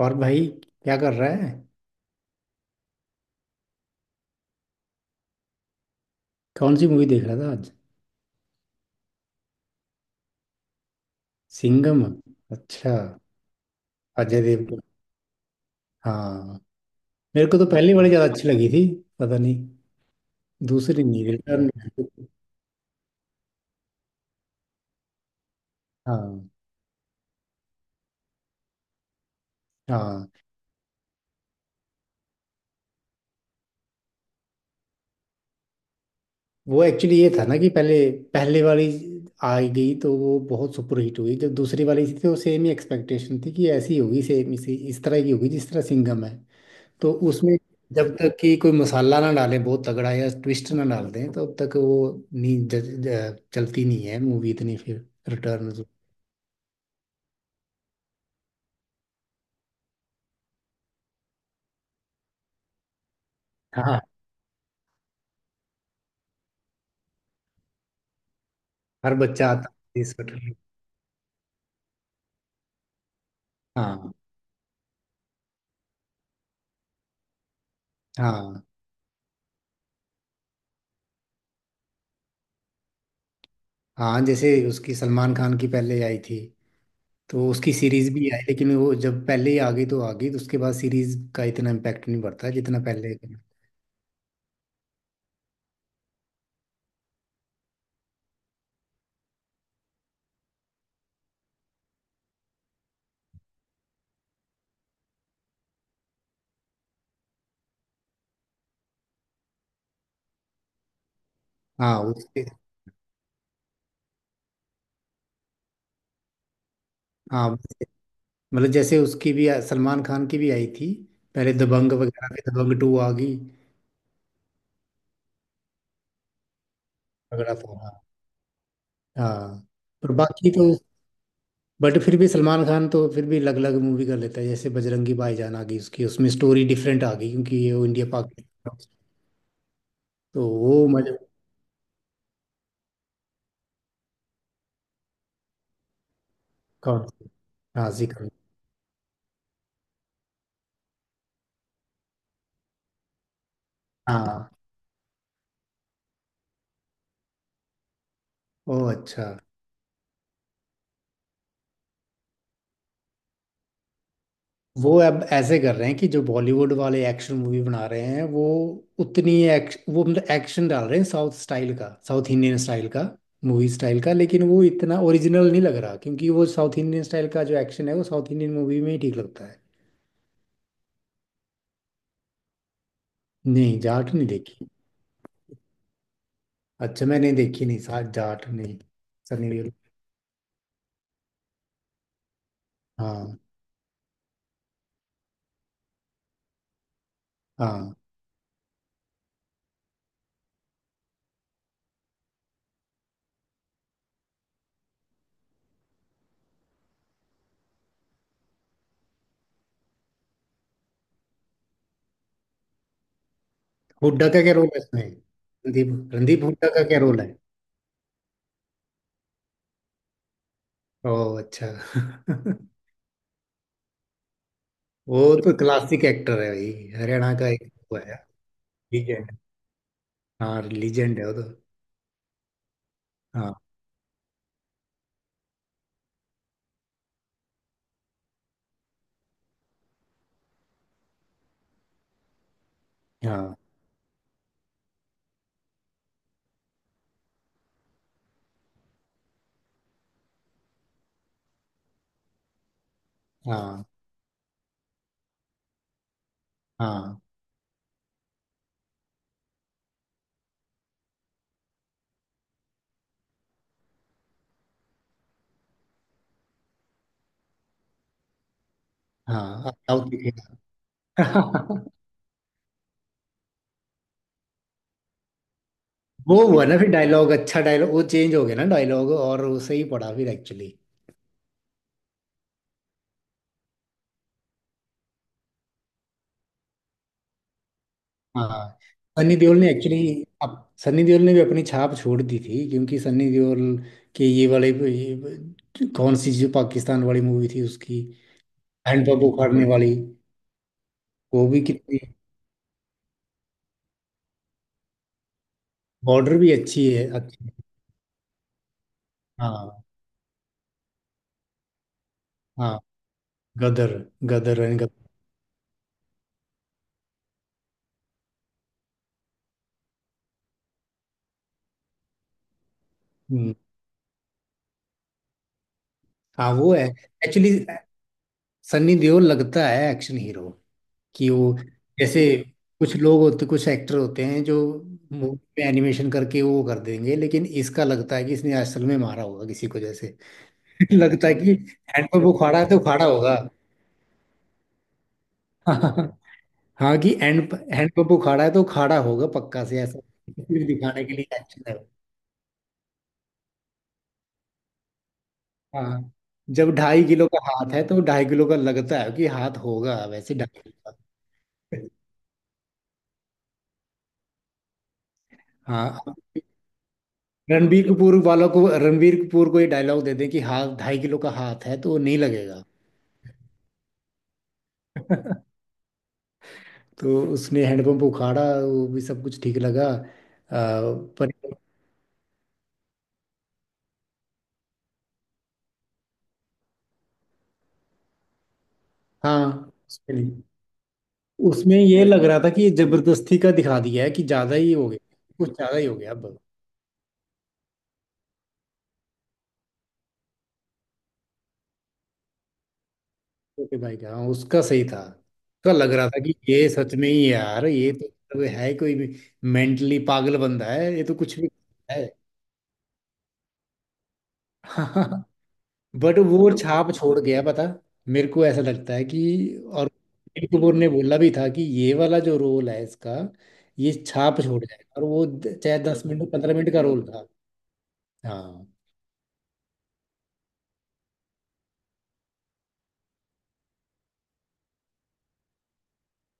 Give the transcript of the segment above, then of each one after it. और भाई। क्या कर रहा है। कौन सी मूवी देख रहा था आज। सिंघम। अच्छा। अजय देवगन। हाँ। मेरे को तो पहली बड़ी ज्यादा अच्छी लगी थी। पता नहीं। दूसरी नहीं रिटर्न। हाँ, हाँ, वो एक्चुअली ये था ना कि पहले पहले वाली आ गई तो वो बहुत सुपरहिट हुई। जब दूसरी वाली थी तो सेम ही एक्सपेक्टेशन थी कि ऐसी होगी, सेम इसी इस तरह की होगी जिस तरह सिंघम है। तो उसमें जब तक कि कोई मसाला ना डालें बहुत तगड़ा या ट्विस्ट ना डाल दें तब तक वो नहीं ज, ज, चलती नहीं है मूवी इतनी फिर रिटर्न। हाँ। हर बच्चा आता है इस return। हाँ। हाँ। हाँ, जैसे उसकी सलमान खान की पहले आई थी। तो उसकी सीरीज भी आई लेकिन वो जब पहले ही आ गई तो उसके बाद सीरीज का इतना इम्पैक्ट नहीं पड़ता जितना पहले का। हाँ उसके। हाँ, मतलब जैसे उसकी भी सलमान खान की भी आई थी। पहले दबंग वगैरह पे दबंग टू आ गई। तगड़ा था। हाँ। पर बाकी तो बट फिर भी सलमान खान तो फिर भी अलग अलग मूवी कर लेता है। जैसे बजरंगी भाईजान आ गई उसकी, उसमें स्टोरी डिफरेंट आ गई क्योंकि ये वो इंडिया पाकिस्तान। तो वो मजे। कौन सी। हाँ जी कौन। हाँ। ओ अच्छा। वो अब ऐसे कर रहे हैं कि जो बॉलीवुड वाले एक्शन मूवी बना रहे हैं वो उतनी वो मतलब एक्शन डाल रहे हैं साउथ स्टाइल का, साउथ इंडियन स्टाइल का, मूवी स्टाइल का। लेकिन वो इतना ओरिजिनल नहीं लग रहा क्योंकि वो साउथ इंडियन स्टाइल का जो एक्शन है वो साउथ इंडियन मूवी में ही ठीक लगता है। नहीं, जाट नहीं देखी। अच्छा, मैंने देखी नहीं, साथ जाट नहीं। सनी देओल। हाँ हाँ। हुड्डा का क्या रोल है इसमें। रणदीप रणदीप हुड्डा का क्या रोल है। ओ अच्छा। वो तो क्लासिक एक्टर है भाई, हरियाणा का एक वो है। लीजेंड। हाँ, लीजेंड है वो तो। हाँ। हाँ। हाँ। हाँ। हाँ, अब साउथ इंडिया। वो हुआ ना, फिर डायलॉग, अच्छा डायलॉग वो चेंज हो गया ना डायलॉग और वो सही पड़ा फिर एक्चुअली। हाँ। सनी देओल ने एक्चुअली अब सनी देओल ने भी अपनी छाप छोड़ दी थी क्योंकि सनी देओल के ये वाले कौन सी जो पाकिस्तान वाली मूवी थी उसकी। हैंडपंप उखाड़ने वाली। वो भी कितनी। बॉर्डर भी अच्छी है, अच्छी है। हाँ। हाँ। गदर। गदर एंड गदर। हम्म, हाँ वो है एक्चुअली। सनी देओल लगता है एक्शन हीरो कि वो, जैसे कुछ लोग होते कुछ एक्टर होते हैं जो मूवी में एनिमेशन करके वो कर देंगे लेकिन इसका लगता है कि इसने असल में मारा होगा किसी को जैसे। लगता है कि हैंडपंप उखाड़ा है तो उखाड़ा होगा। हाँ, कि हैंडपंप उखाड़ा है तो उखाड़ा होगा पक्का से ऐसा। सिर्फ दिखाने के लिए एक्शन है। हाँ। जब 2.5 किलो का हाथ है तो 2.5 किलो का लगता है कि हाथ होगा वैसे 2.5 किलो का। हाँ, रणबीर कपूर वालों को, रणबीर कपूर को ये डायलॉग दे दें कि हाथ 2.5 किलो का हाथ है तो वो नहीं लगेगा। तो उसने हैंडपंप उखाड़ा, वो भी सब कुछ ठीक लगा पर। हाँ। उसमें नहीं। उसमें ये लग रहा था कि ये जबरदस्ती का दिखा दिया है कि ज्यादा ही हो गया, कुछ ज्यादा ही हो गया अब। ओके, भाई का हाँ, उसका सही था, उसका लग रहा था कि ये सच में ही यार ये तो मतलब है कोई मेंटली पागल बंदा है ये तो कुछ भी है। बट वो छाप छोड़ गया पता। मेरे को ऐसा लगता है कि और कपिल कपूर ने बोला भी था कि ये वाला जो रोल है इसका, ये छाप छोड़ जाएगा और वो चाहे 10 मिनट 15 मिनट का रोल था। हाँ।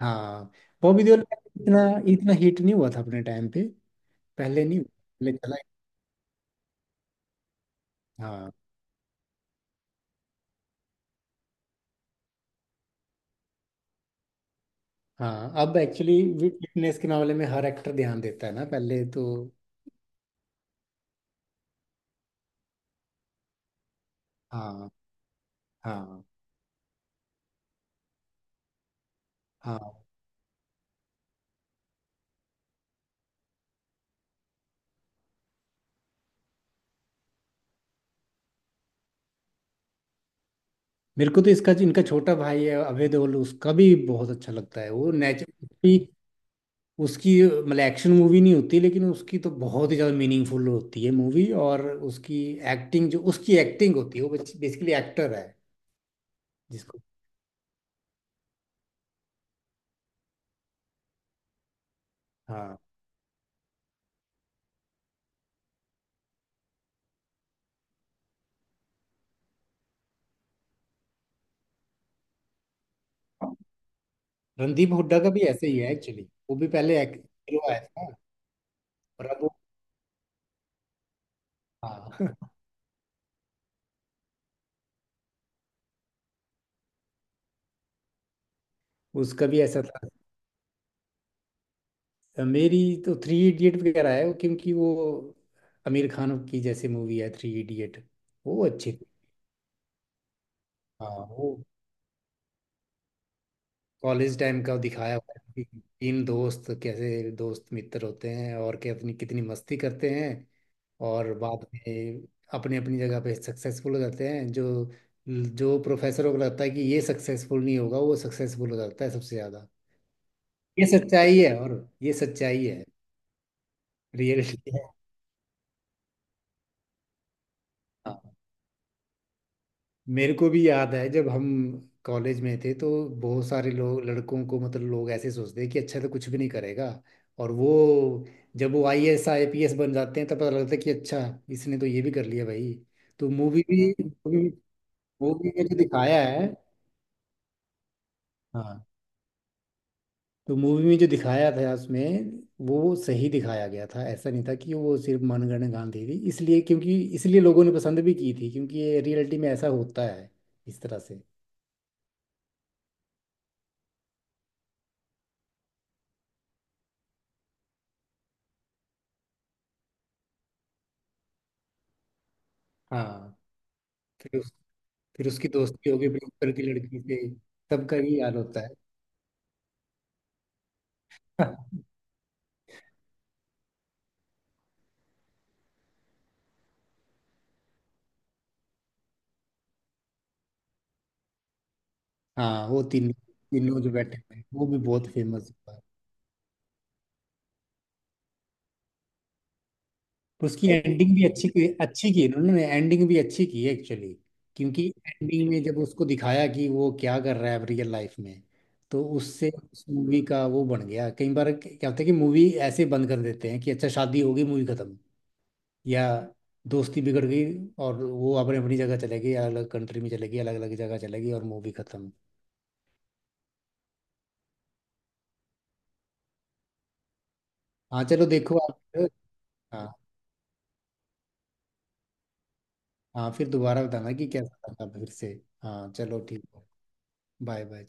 हाँ। बॉबी देओल का इतना इतना हिट नहीं हुआ था अपने टाइम पे। पहले नहीं हुआ, पहले चला। हाँ। हाँ, अब एक्चुअली फिटनेस के मामले में हर एक्टर ध्यान देता है ना पहले तो। हाँ। हाँ। हाँ। मेरे को तो इसका इनका छोटा भाई है अभय देओल, उसका भी बहुत अच्छा लगता है वो नेचुरल। उसकी मतलब एक्शन मूवी नहीं होती लेकिन उसकी तो बहुत ही ज़्यादा मीनिंगफुल होती है मूवी। और उसकी एक्टिंग, जो उसकी एक्टिंग होती है वो बेसिकली एक्टर है जिसको। हाँ, रणदीप हुड्डा का भी ऐसे ही है एक्चुअली। वो भी पहले हीरो आया था और अब वो। हाँ। उसका भी ऐसा था। मेरी तो थ्री इडियट वगैरह है क्योंकि वो आमिर खान की जैसे मूवी है थ्री इडियट। वो अच्छी थी। हाँ। वो कॉलेज टाइम का दिखाया हुआ है कि तीन दोस्त कैसे दोस्त मित्र होते हैं और क्या अपनी कितनी मस्ती करते हैं। और बाद में अपनी अपनी जगह पे सक्सेसफुल हो जाते हैं। जो जो प्रोफेसरों को लगता है कि ये सक्सेसफुल नहीं होगा वो सक्सेसफुल हो जाता है सबसे ज्यादा। ये सच्चाई है। और ये सच्चाई है। रियलिटी है। हाँ। मेरे को भी याद है जब हम कॉलेज में थे तो बहुत सारे लोग लड़कों को मतलब लोग ऐसे सोचते हैं कि अच्छा तो कुछ भी नहीं करेगा। और वो जब वो आईएएस आईपीएस बन जाते हैं तब पता लगता है कि अच्छा, इसने तो ये भी कर लिया भाई। तो मूवी भी मूवी, मूवी में जो दिखाया है। हाँ। तो मूवी में जो दिखाया था उसमें वो सही दिखाया गया था। ऐसा नहीं था कि वो सिर्फ मनगढ़ंत गांधी थी इसलिए क्योंकि इसलिए लोगों ने पसंद भी की थी क्योंकि ये रियलिटी में ऐसा होता है इस तरह से। हाँ, फिर फिर उसकी दोस्ती होगी प्रिंसिपल की लड़की से। सबका ये याद होता है। हाँ, वो तीन तीनों जो बैठे हैं वो भी बहुत फेमस हुआ है। उसकी एंडिंग भी अच्छी की है, उन्होंने एंडिंग भी अच्छी की है एक्चुअली। क्योंकि एंडिंग में जब उसको दिखाया कि वो क्या कर रहा है रियल लाइफ में, तो उससे उस मूवी का वो बन गया। कई बार क्या होता है कि मूवी ऐसे बंद कर देते हैं कि अच्छा शादी हो गई मूवी खत्म, या दोस्ती बिगड़ गई और वो अपने अपनी जगह चले गई, अलग अलग कंट्री में चले गई, अलग अलग जगह चले गई और मूवी खत्म। हाँ चलो देखो आप फिर। हाँ। हाँ, फिर दोबारा बताना कि कैसा लगा फिर से। हाँ चलो ठीक है। Bye bye.